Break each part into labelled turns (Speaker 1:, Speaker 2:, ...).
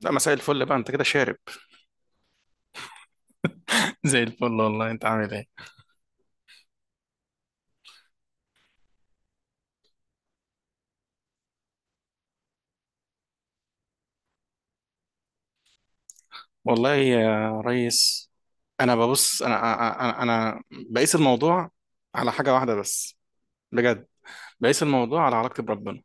Speaker 1: لا، مساء الفل بقى، انت كده شارب زي الفل. والله انت عامل ايه؟ والله يا ريس، انا ببص. انا بقيس الموضوع على حاجه واحده بس. بجد. بقيس الموضوع على علاقتي بربنا.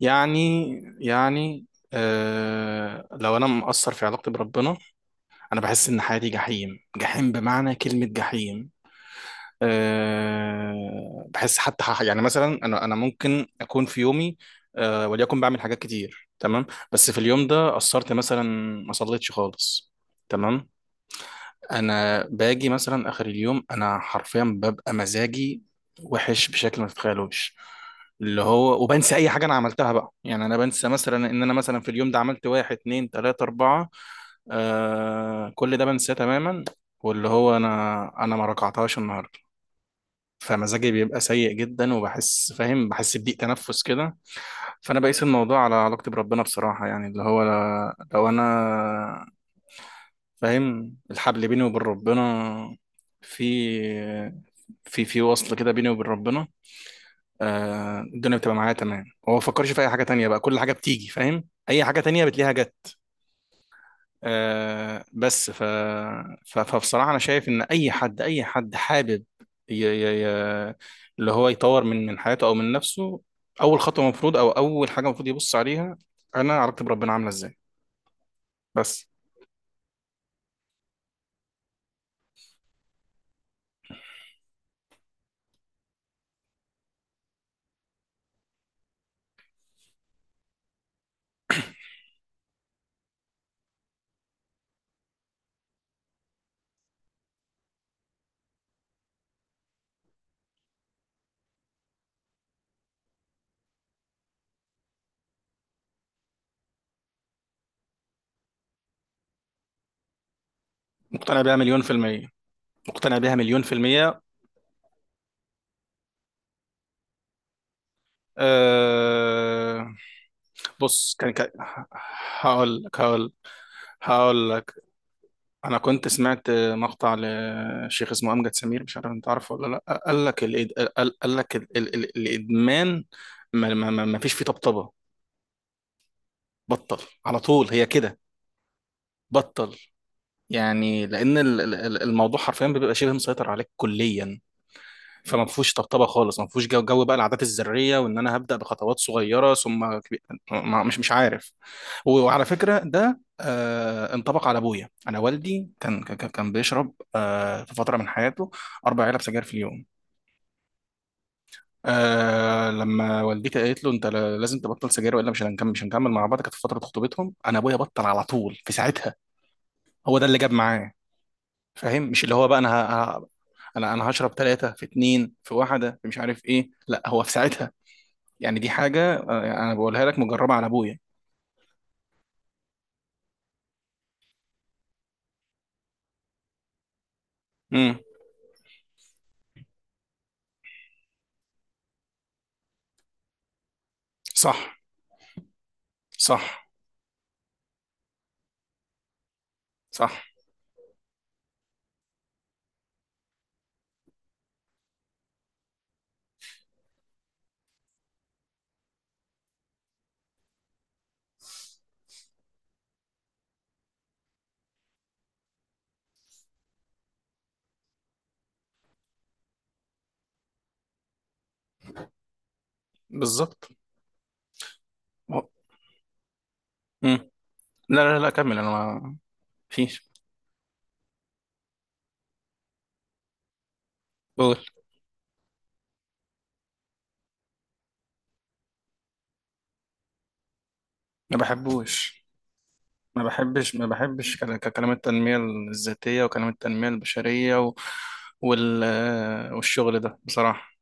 Speaker 1: يعني يعني لو انا مقصر في علاقتي بربنا، انا بحس ان حياتي جحيم، جحيم بمعنى كلمه جحيم. بحس حتى يعني مثلا انا ممكن اكون في يومي، وليكن بعمل حاجات كتير تمام، بس في اليوم ده قصرت مثلا، ما صليتش خالص. تمام. انا باجي مثلا اخر اليوم، انا حرفيا ببقى مزاجي وحش بشكل ما تتخيلوش، اللي هو وبنسى اي حاجه انا عملتها بقى. يعني انا بنسى مثلا ان انا مثلا في اليوم ده عملت واحد اتنين تلاته اربعه، كل ده بنساه تماما. واللي هو انا ما ركعتهاش النهارده. فمزاجي بيبقى سيء جدا، وبحس فاهم، بحس بضيق تنفس كده. فانا بقيس الموضوع على علاقتي بربنا بصراحه. يعني اللي هو لو انا فاهم الحبل بيني وبين ربنا، في في وصل كده بيني وبين ربنا، الدنيا بتبقى معايا تمام. هو ما بفكرش في اي حاجه تانية بقى. كل حاجه بتيجي فاهم، اي حاجه تانية بتلاقيها جت. آه بس ف... فبصراحة أنا شايف إن أي حد، أي حد حابب، ي... ي... ي... اللي هو يطور من حياته أو من نفسه، أول خطوة مفروض، أو أول حاجة المفروض يبص عليها: أنا علاقتي بربنا عاملة إزاي. بس. مقتنع بيها مليون في المية. مقتنع بيها مليون في المية. آه... بص، كان، هقول لك هقول هقول لك، انا كنت سمعت مقطع لشيخ اسمه امجد سمير، مش عارف انت عارفه ولا لا. قال لك قال لك الادمان ما فيش فيه طبطبه. بطل على طول، هي كده. بطل. يعني لان الموضوع حرفيا بيبقى شبه مسيطر عليك كليا. فما فيهوش طبطبه خالص، ما فيهوش جو, جو بقى العادات الذريه وان انا هبدا بخطوات صغيره ثم كبير. مش عارف. وعلى فكره ده انطبق على ابويا. انا والدي كان بيشرب في فتره من حياته اربع علب سجاير في اليوم. لما والدتي قالت له انت لازم تبطل سجاير، والا مش هنكمل، مش هنكمل مع بعض. كانت في فتره خطوبتهم. انا ابويا بطل على طول في ساعتها. هو ده اللي جاب معاه. فاهم؟ مش اللي هو بقى انا هشرب ثلاثه في اثنين في واحده في مش عارف ايه. لا، هو في ساعتها. يعني دي حاجة، أنا بقولها لك مجربة على أبويا. امم صح، صح، صح، بالظبط. امم لا، لا، لا، كمل أنا ما فيش. قول. ما بحبوش، ما بحبش ككلام التنمية الذاتية، وكلام التنمية البشرية والشغل ده بصراحة.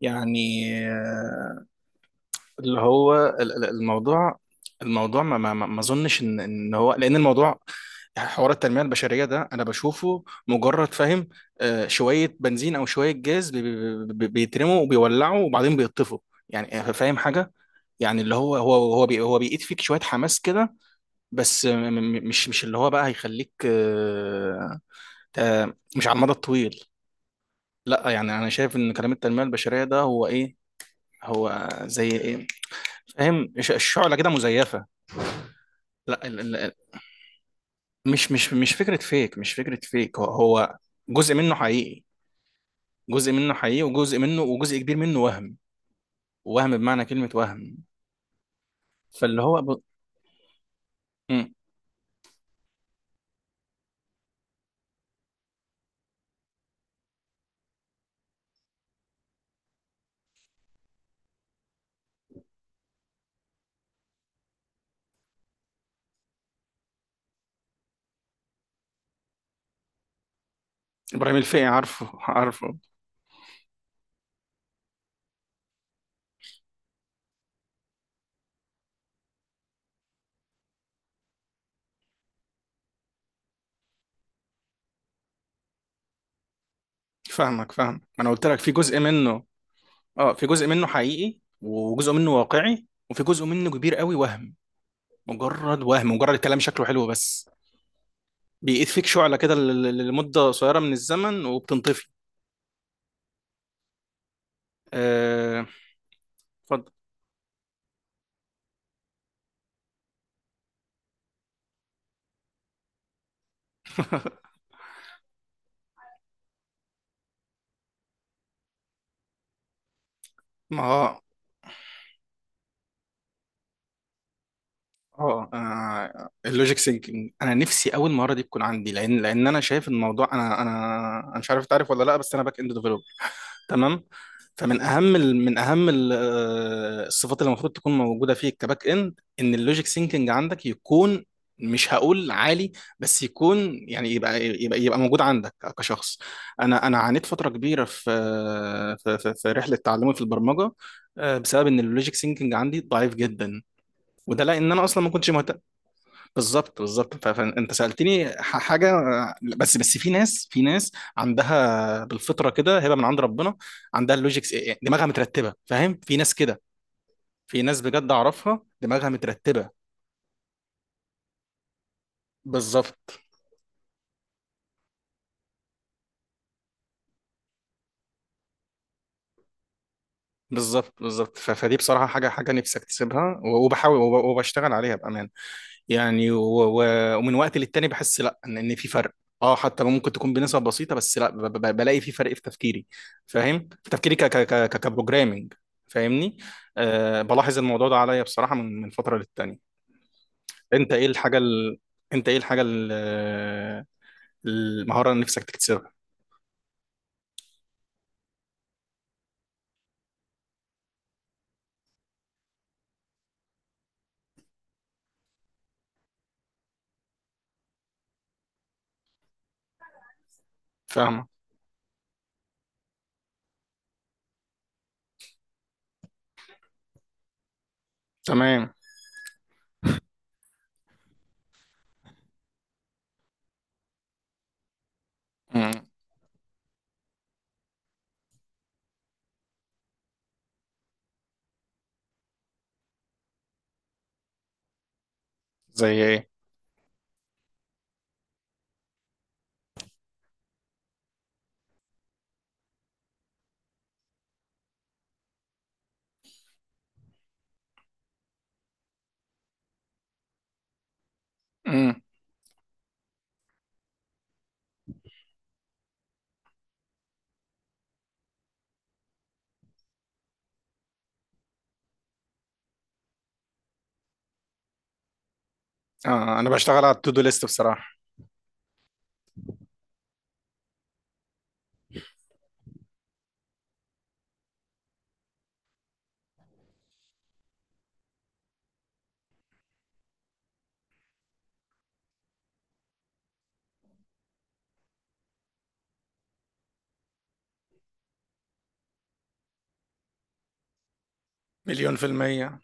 Speaker 1: يعني آه، اللي هو الموضوع، الموضوع ما ما ما ما اظنش ان هو، لان الموضوع، حوار التنميه البشريه ده، انا بشوفه مجرد فاهم، شويه بنزين او شويه جاز بيترموا وبيولعوا وبعدين بيطفوا. يعني فاهم حاجه، يعني اللي هو هو هو بيقيت فيك شويه حماس كده، بس مش اللي هو بقى هيخليك، مش على المدى الطويل. لا يعني انا شايف ان كلام التنميه البشريه ده هو ايه، هو زي ايه، فاهم؟ الشعله كده مزيفه. لا مش فكرة فيك، مش فكرة فيك، هو جزء منه حقيقي. جزء منه حقيقي، وجزء منه، وجزء كبير منه وهم. وهم بمعنى كلمة وهم. فاللي هو ب... مم. إبراهيم الفقي، عارفه عارفه. فاهمك، فاهم، ما أنا قلت لك في جزء منه. اه، في جزء منه حقيقي، وجزء منه واقعي، وفي جزء منه كبير قوي وهم. مجرد وهم. مجرد الكلام شكله حلو بس. بيقيد فيك شعلة كده لمدة قصيرة من الزمن، وبتنطفي. آه، اتفضل. ما هو، اه، اللوجيك سينكينج، انا نفسي اول مهاره دي تكون عندي. لان انا شايف الموضوع، انا انا انا مش عارف تعرف ولا لا، بس انا باك اند ديفلوبر تمام. فمن اهم من اهم الصفات اللي المفروض تكون موجوده فيك كباك اند ان اللوجيك سينكينج عندك يكون، مش هقول عالي، بس يكون، يعني يبقى موجود عندك كشخص. انا عانيت فتره كبيره في، في رحله تعلمي في البرمجه، بسبب ان اللوجيك سينكينج عندي ضعيف جدا، وده لان انا اصلا ما كنتش مهتم. بالظبط، بالظبط. فانت سالتني حاجه، بس في ناس، في ناس عندها بالفطره كده هبه من عند ربنا، عندها اللوجيكس إيه، إيه، دماغها مترتبه، فاهم؟ في ناس كده، في ناس بجد اعرفها دماغها مترتبه. بالظبط، بالظبط، بالظبط. فدي بصراحه حاجه، حاجه نفسي اكتسبها، وبحاول وبشتغل عليها بامان. يعني ومن وقت للتاني بحس لا ان إن في فرق. اه حتى لو ممكن تكون بنسب بسيطه، بس لا بلاقي في فرق في تفكيري. فاهم؟ في تفكيري ك ك ك كبروجرامنج. فاهمني؟ أه بلاحظ الموضوع ده عليا بصراحه من فتره للتانيه. انت ايه الحاجه ال... انت ايه الحاجه المهاره اللي نفسك تكتسبها؟ فاهمه. تمام. مم. زي ايه؟ مم. آه، انا بشتغل على التو دو ليست بصراحه. مليون في المية.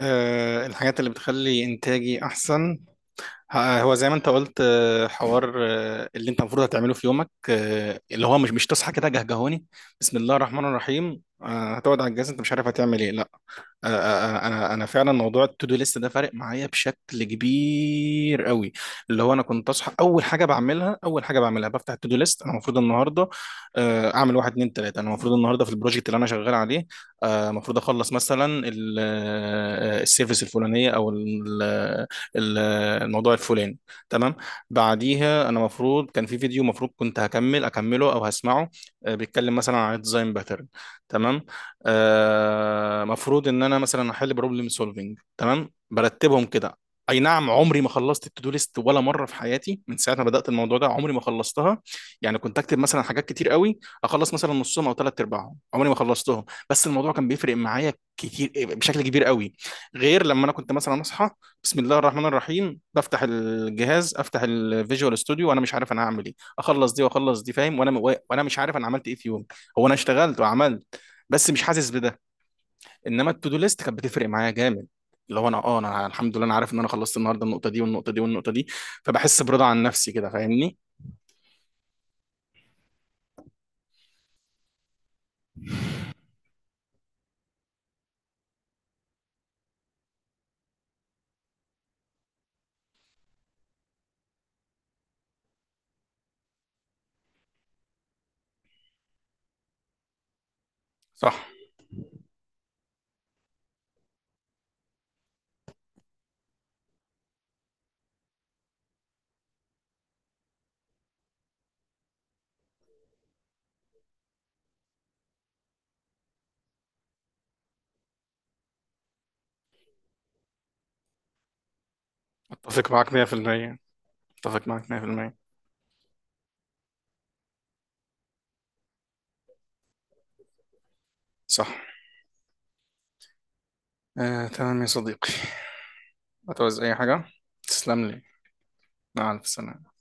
Speaker 1: أه الحاجات اللي بتخلي إنتاجي أحسن، ه- هو زي ما انت قلت، حوار اللي انت المفروض هتعمله في يومك. اللي هو مش تصحى كده جهجهوني، بسم الله الرحمن الرحيم، هتقعد على الجهاز انت مش عارف هتعمل ايه. لا. انا انا أنا فعلا موضوع التودو ليست ده فارق معايا بشكل كبير قوي. اللي هو انا كنت اصحى، اول حاجه بعملها بفتح التودو ليست: انا المفروض النهارده اعمل واحد اتنين تلاته، انا المفروض النهارده في البروجكت اللي انا شغال عليه، المفروض اخلص مثلا السيرفيس الفلانيه، او ال- الموضوع الفلاني، تمام. بعديها انا المفروض كان في فيديو المفروض كنت هكمل، اكمله او هسمعه، بيتكلم مثلا عن الديزاين باترن، تمام. مفروض ان انا مثلا احل بروبلم سولفنج، تمام. برتبهم كده. اي نعم، عمري ما خلصت التو دو ليست ولا مره في حياتي من ساعه ما بدات الموضوع ده، عمري ما خلصتها. يعني كنت اكتب مثلا حاجات كتير قوي، اخلص مثلا نصهم او ثلاث ارباعهم، عمري ما خلصتهم. بس الموضوع كان بيفرق معايا كتير، بشكل كبير قوي، غير لما انا كنت مثلا اصحى، بسم الله الرحمن الرحيم، بفتح الجهاز، افتح الفيجوال ستوديو وانا مش عارف انا هعمل ايه، اخلص دي واخلص دي، فاهم؟ وانا مش عارف انا عملت ايه في يوم. هو انا اشتغلت وعملت، بس مش حاسس بده. انما التو ليست كانت بتفرق معايا جامد. اللي هو انا اه، انا الحمد لله انا عارف ان انا خلصت النهارده النقطه دي، والنقطه دي، والنقطه دي. فبحس برضا عن نفسي كده. فاهمني؟ صح. اتفق معاك 100%. اتفق معاك 100%. صح. آه، تمام يا صديقي. هتعوز اي حاجه؟ تسلم لي. مع الف سلامه.